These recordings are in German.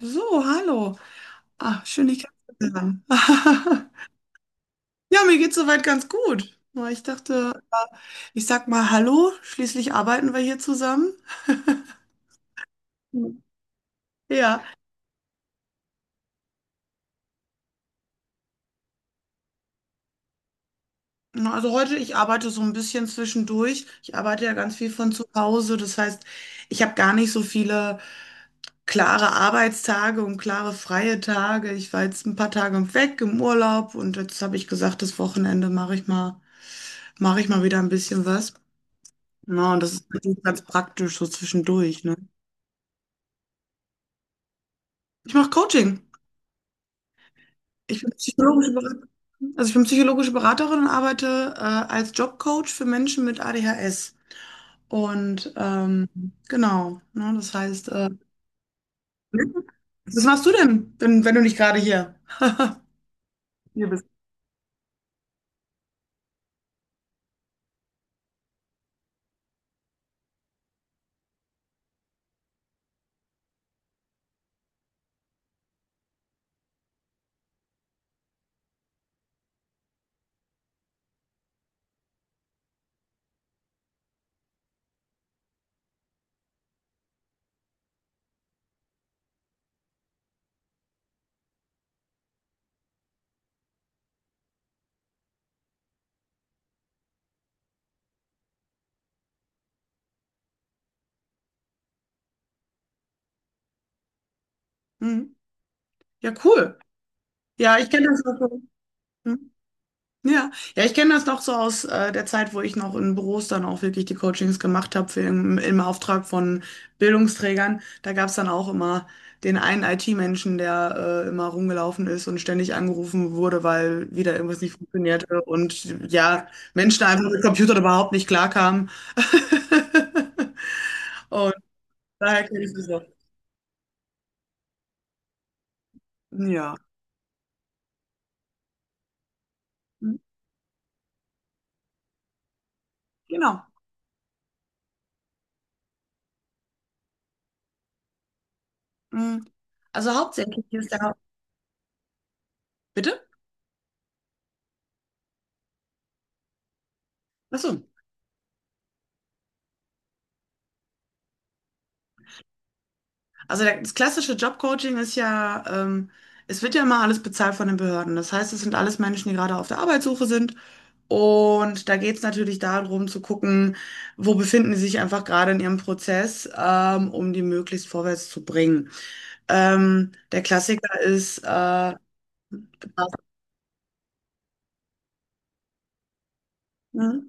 So, hallo. Ah, schön, dich kennenzulernen. Ja, mir geht's soweit ganz gut. Nur ich dachte, ich sag mal hallo, schließlich arbeiten wir hier zusammen. Hm. Ja, na, also heute, ich arbeite so ein bisschen zwischendurch. Ich arbeite ja ganz viel von zu Hause. Das heißt, ich habe gar nicht so viele klare Arbeitstage und klare freie Tage. Ich war jetzt ein paar Tage weg im Urlaub und jetzt habe ich gesagt, das Wochenende mache ich mal wieder ein bisschen was. Na, und das ist natürlich ganz praktisch so zwischendurch, ne? Ich mache Coaching. Ich bin psychologische Beraterin. Also ich bin psychologische Beraterin und arbeite als Jobcoach für Menschen mit ADHS. Und ähm, genau, ne, das heißt, was machst du denn, wenn du nicht gerade hier bist? Mhm. Ja, cool. Ja, ich kenne das auch. So. Hm? Ja, ja, ich kenne das noch so aus der Zeit, wo ich noch in Büros dann auch wirklich die Coachings gemacht habe für im Auftrag von Bildungsträgern. Da gab es dann auch immer den einen IT-Menschen, der immer rumgelaufen ist und ständig angerufen wurde, weil wieder irgendwas nicht funktionierte und ja, Menschen einfach mit Computern überhaupt nicht klarkamen. Und daher kenne ich das auch. Ja, mhm, genau. Mhm. Also hauptsächlich ist da, bitte? Achso. Das klassische Jobcoaching ist ja, es wird ja immer alles bezahlt von den Behörden. Das heißt, es sind alles Menschen, die gerade auf der Arbeitssuche sind. Und da geht es natürlich darum zu gucken, wo befinden sie sich einfach gerade in ihrem Prozess, um die möglichst vorwärts zu bringen. Der Klassiker ist, ne?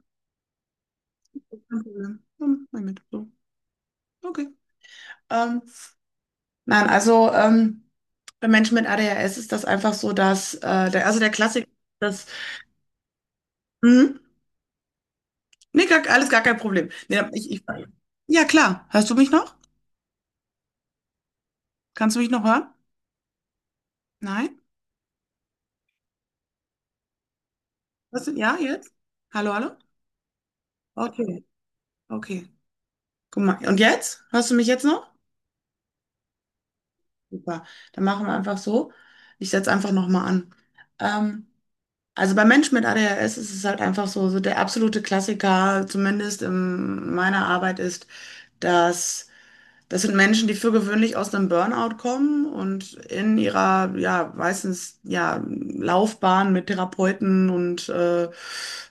Kein Problem. Hm, mein so. Okay. Ähm, nein, also bei Menschen mit ADHS ist das einfach so, dass also der Klassiker, dass. Nee, gar, alles gar kein Problem. Nee, ja, klar. Hörst du mich noch? Kannst du mich noch hören? Nein? Hörst du, ja, jetzt? Hallo, hallo? Okay, okay. Guck mal. Und jetzt? Hörst du mich jetzt noch? Super. Dann machen wir einfach so. Ich setze einfach nochmal an. Ähm, also bei Menschen mit ADHS ist es halt einfach so, so der absolute Klassiker, zumindest in meiner Arbeit, ist, dass. Das sind Menschen, die für gewöhnlich aus einem Burnout kommen und in ihrer, ja, meistens, ja, Laufbahn mit Therapeuten und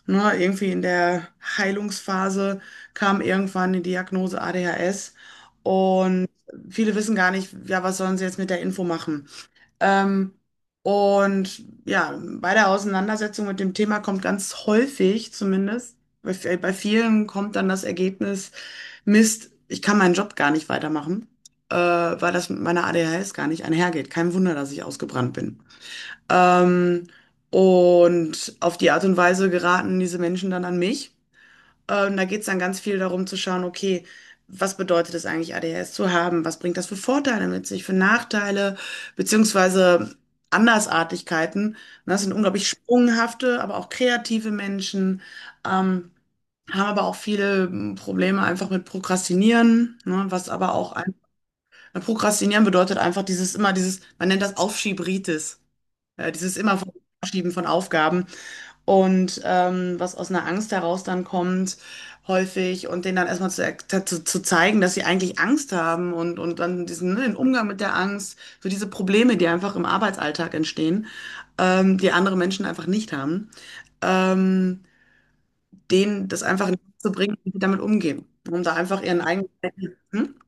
ne, irgendwie in der Heilungsphase kam irgendwann die Diagnose ADHS. Und viele wissen gar nicht, ja, was sollen sie jetzt mit der Info machen? Ähm, und ja, bei der Auseinandersetzung mit dem Thema kommt ganz häufig zumindest, bei vielen kommt dann das Ergebnis, Mist, ich kann meinen Job gar nicht weitermachen, weil das mit meiner ADHS gar nicht einhergeht. Kein Wunder, dass ich ausgebrannt bin. Ähm, und auf die Art und Weise geraten diese Menschen dann an mich. Da geht es dann ganz viel darum zu schauen, okay, was bedeutet es eigentlich, ADHS zu haben? Was bringt das für Vorteile mit sich, für Nachteile, beziehungsweise Andersartigkeiten? Und das sind unglaublich sprunghafte, aber auch kreative Menschen, ähm, haben aber auch viele Probleme einfach mit Prokrastinieren, ne, was aber auch ein, Prokrastinieren bedeutet einfach dieses immer dieses, man nennt das Aufschieberitis, dieses immer von Aufschieben von Aufgaben und was aus einer Angst heraus dann kommt, häufig und denen dann erstmal zu zeigen, dass sie eigentlich Angst haben und dann diesen, ne, den Umgang mit der Angst, so diese Probleme, die einfach im Arbeitsalltag entstehen, die andere Menschen einfach nicht haben, ähm, denen das einfach in den Kopf zu bringen, wie sie damit umgehen, um da einfach ihren eigenen, hm?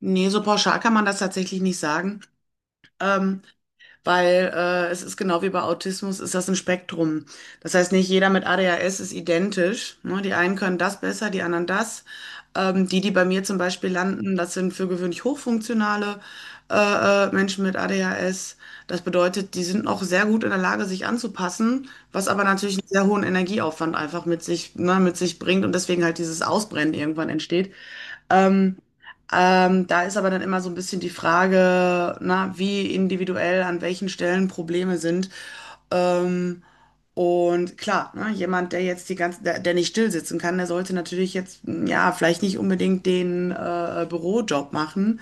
Nee, so pauschal kann man das tatsächlich nicht sagen. Ähm, weil es ist genau wie bei Autismus, ist das ein Spektrum. Das heißt, nicht jeder mit ADHS ist identisch. Ne? Die einen können das besser, die anderen das. Die bei mir zum Beispiel landen, das sind für gewöhnlich hochfunktionale Menschen mit ADHS. Das bedeutet, die sind auch sehr gut in der Lage, sich anzupassen, was aber natürlich einen sehr hohen Energieaufwand einfach mit sich, ne, mit sich bringt und deswegen halt dieses Ausbrennen irgendwann entsteht. Ähm, da ist aber dann immer so ein bisschen die Frage, na, wie individuell an welchen Stellen Probleme sind. Ähm, und klar, ne, jemand, der jetzt die ganze, der, der nicht still sitzen kann, der sollte natürlich jetzt, ja, vielleicht nicht unbedingt den Bürojob machen.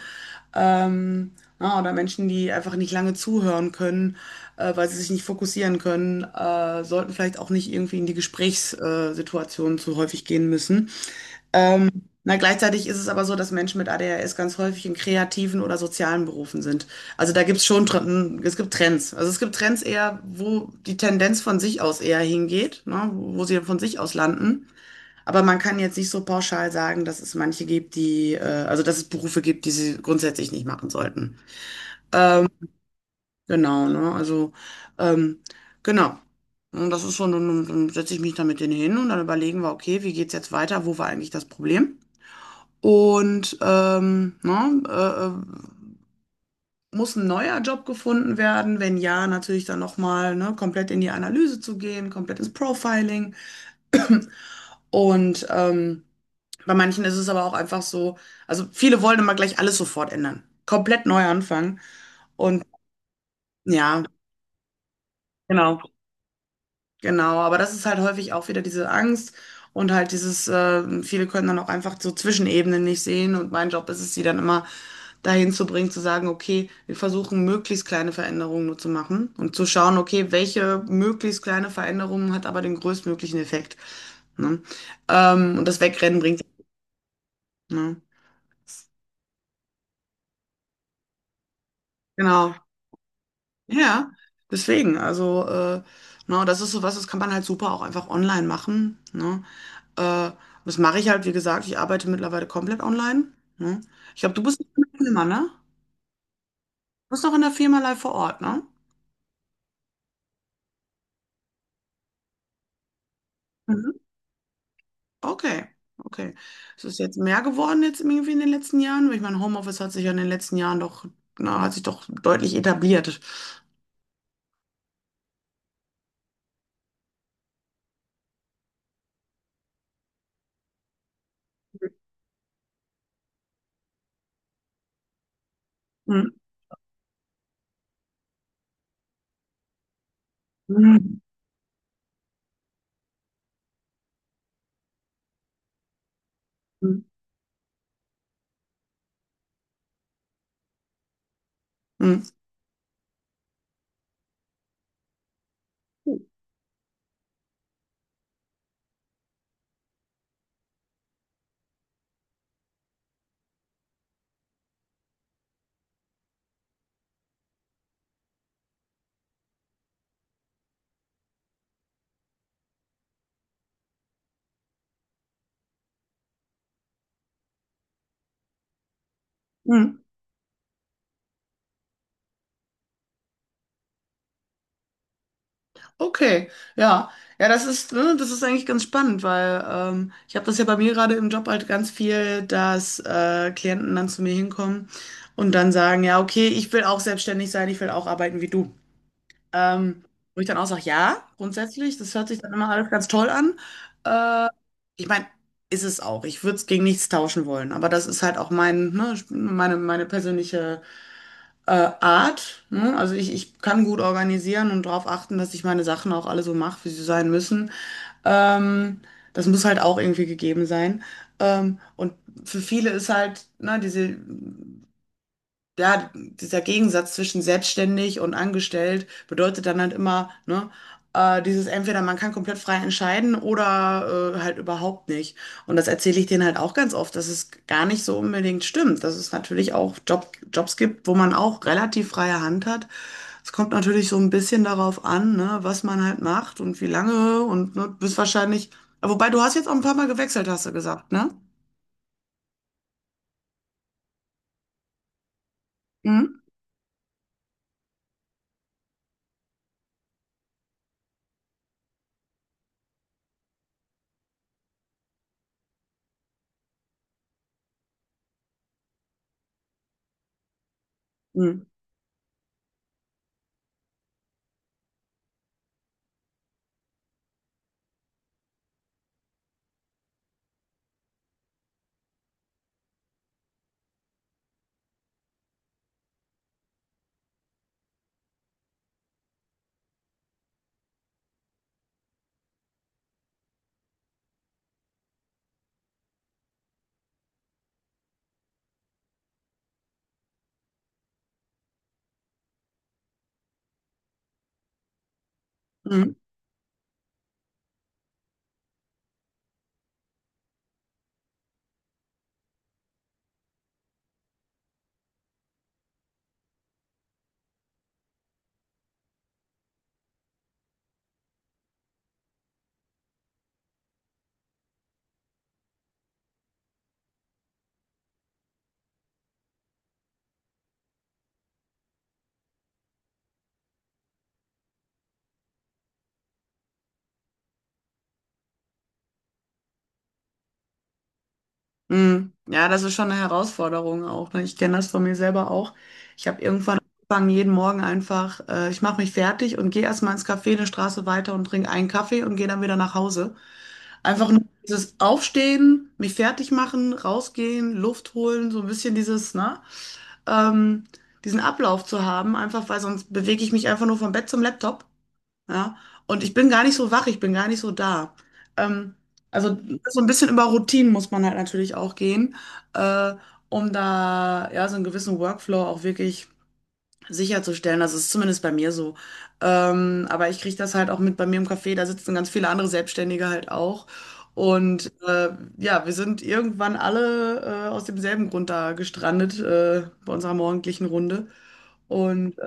Ähm, na, oder Menschen, die einfach nicht lange zuhören können, weil sie sich nicht fokussieren können, sollten vielleicht auch nicht irgendwie in die Gesprächssituationen zu häufig gehen müssen. Na, gleichzeitig ist es aber so, dass Menschen mit ADHS ganz häufig in kreativen oder sozialen Berufen sind. Also da gibt's schon, es gibt Trends. Also es gibt Trends eher, wo die Tendenz von sich aus eher hingeht, ne, wo sie von sich aus landen. Aber man kann jetzt nicht so pauschal sagen, dass es manche gibt, also dass es Berufe gibt, die sie grundsätzlich nicht machen sollten. Genau, ne? Also, ähm, genau. Und das ist so, dann setze ich mich da mit denen hin und dann überlegen wir, okay, wie geht's jetzt weiter? Wo war eigentlich das Problem? Und, muss ein neuer Job gefunden werden? Wenn ja, natürlich dann noch mal, ne, komplett in die Analyse zu gehen, komplett ins Profiling. Und, bei manchen ist es aber auch einfach so also, viele wollen immer gleich alles sofort ändern, komplett neu anfangen und ja, genau. Genau, aber das ist halt häufig auch wieder diese Angst und halt dieses, viele können dann auch einfach so Zwischenebenen nicht sehen und mein Job ist es, sie dann immer dahin zu bringen, zu sagen, okay, wir versuchen möglichst kleine Veränderungen nur zu machen und zu schauen, okay, welche möglichst kleine Veränderung hat aber den größtmöglichen Effekt, ne? Und das Wegrennen bringt, ne? Genau, ja, deswegen, also, na, das ist sowas, das kann man halt super auch einfach online machen, ne? Äh, das mache ich halt, wie gesagt, ich arbeite mittlerweile komplett online. Ne? Ich glaube, du bist noch in der Firma, ne? Du bist noch in der Firma live vor Ort, ne? Mhm. Okay, okay. Ist es jetzt mehr geworden jetzt irgendwie in den letzten Jahren? Weil ich meine, Homeoffice hat sich ja in den letzten Jahren doch, na, hat sich doch deutlich etabliert. Mhm. Mhm. Mhm. Mhm. Okay, ja. Ja, das ist, ne, das ist eigentlich ganz spannend, weil ich habe das ja bei mir gerade im Job halt ganz viel, dass Klienten dann zu mir hinkommen und dann sagen, ja, okay, ich will auch selbstständig sein, ich will auch arbeiten wie du. Ähm, wo ich dann auch sage, ja, grundsätzlich, das hört sich dann immer alles ganz toll an. Äh, ich meine, ist es auch. Ich würde es gegen nichts tauschen wollen, aber das ist halt auch mein, ne, meine persönliche Art. Ne? Also ich kann gut organisieren und darauf achten, dass ich meine Sachen auch alle so mache, wie sie sein müssen. Ähm, das muss halt auch irgendwie gegeben sein. Und für viele ist halt, ne, dieser Gegensatz zwischen selbstständig und angestellt bedeutet dann halt immer, ne, dieses entweder man kann komplett frei entscheiden oder halt überhaupt nicht. Und das erzähle ich denen halt auch ganz oft, dass es gar nicht so unbedingt stimmt, dass es natürlich auch Jobs gibt, wo man auch relativ freie Hand hat. Es kommt natürlich so ein bisschen darauf an, ne, was man halt macht und wie lange und ne, du bist wahrscheinlich, wobei du hast jetzt auch ein paar Mal gewechselt, hast du gesagt, ne? Mhm. Mhm. Mm. Ja, das ist schon eine Herausforderung auch. Ne? Ich kenne das von mir selber auch. Ich habe irgendwann angefangen, jeden Morgen einfach, ich mache mich fertig und gehe erstmal ins Café eine Straße weiter und trinke einen Kaffee und gehe dann wieder nach Hause. Einfach nur dieses Aufstehen, mich fertig machen, rausgehen, Luft holen, so ein bisschen dieses, ne, ähm, diesen Ablauf zu haben, einfach weil sonst bewege ich mich einfach nur vom Bett zum Laptop. Ja? Und ich bin gar nicht so wach, ich bin gar nicht so da. Ähm, also so ein bisschen über Routinen muss man halt natürlich auch gehen, äh, um da ja so einen gewissen Workflow auch wirklich sicherzustellen. Das ist zumindest bei mir so. Aber ich kriege das halt auch mit bei mir im Café, da sitzen ganz viele andere Selbstständige halt auch. Und ja, wir sind irgendwann alle aus demselben Grund da gestrandet bei unserer morgendlichen Runde. Und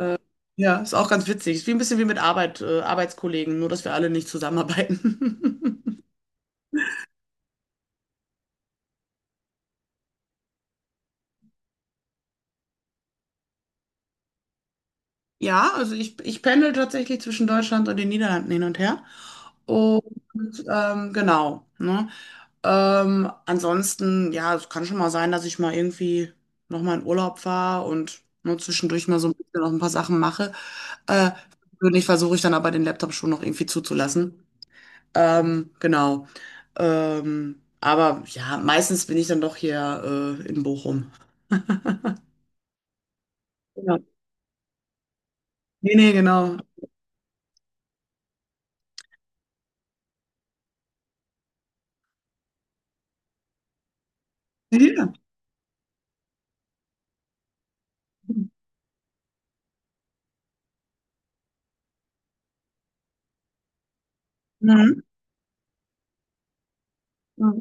ja, ist auch ganz witzig. Ist wie ein bisschen wie mit Arbeit, Arbeitskollegen, nur dass wir alle nicht zusammenarbeiten. Ja, also ich pendel tatsächlich zwischen Deutschland und den Niederlanden hin und her. Und genau, ne? Ansonsten, ja, es kann schon mal sein, dass ich mal irgendwie nochmal in Urlaub fahre und nur zwischendurch mal so ein bisschen noch ein paar Sachen mache. Äh, persönlich versuche ich dann aber den Laptop schon noch irgendwie zuzulassen. Genau. Aber ja, meistens bin ich dann doch hier in Bochum. Ja. Nee, nee, genau. Ja. Mhm. Mhm.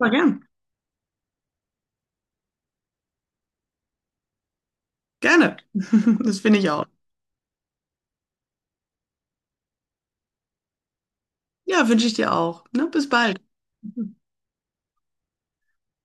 Voll gern. Gerne. Das finde ich auch. Ja, wünsche ich dir auch. Ne? Bis bald.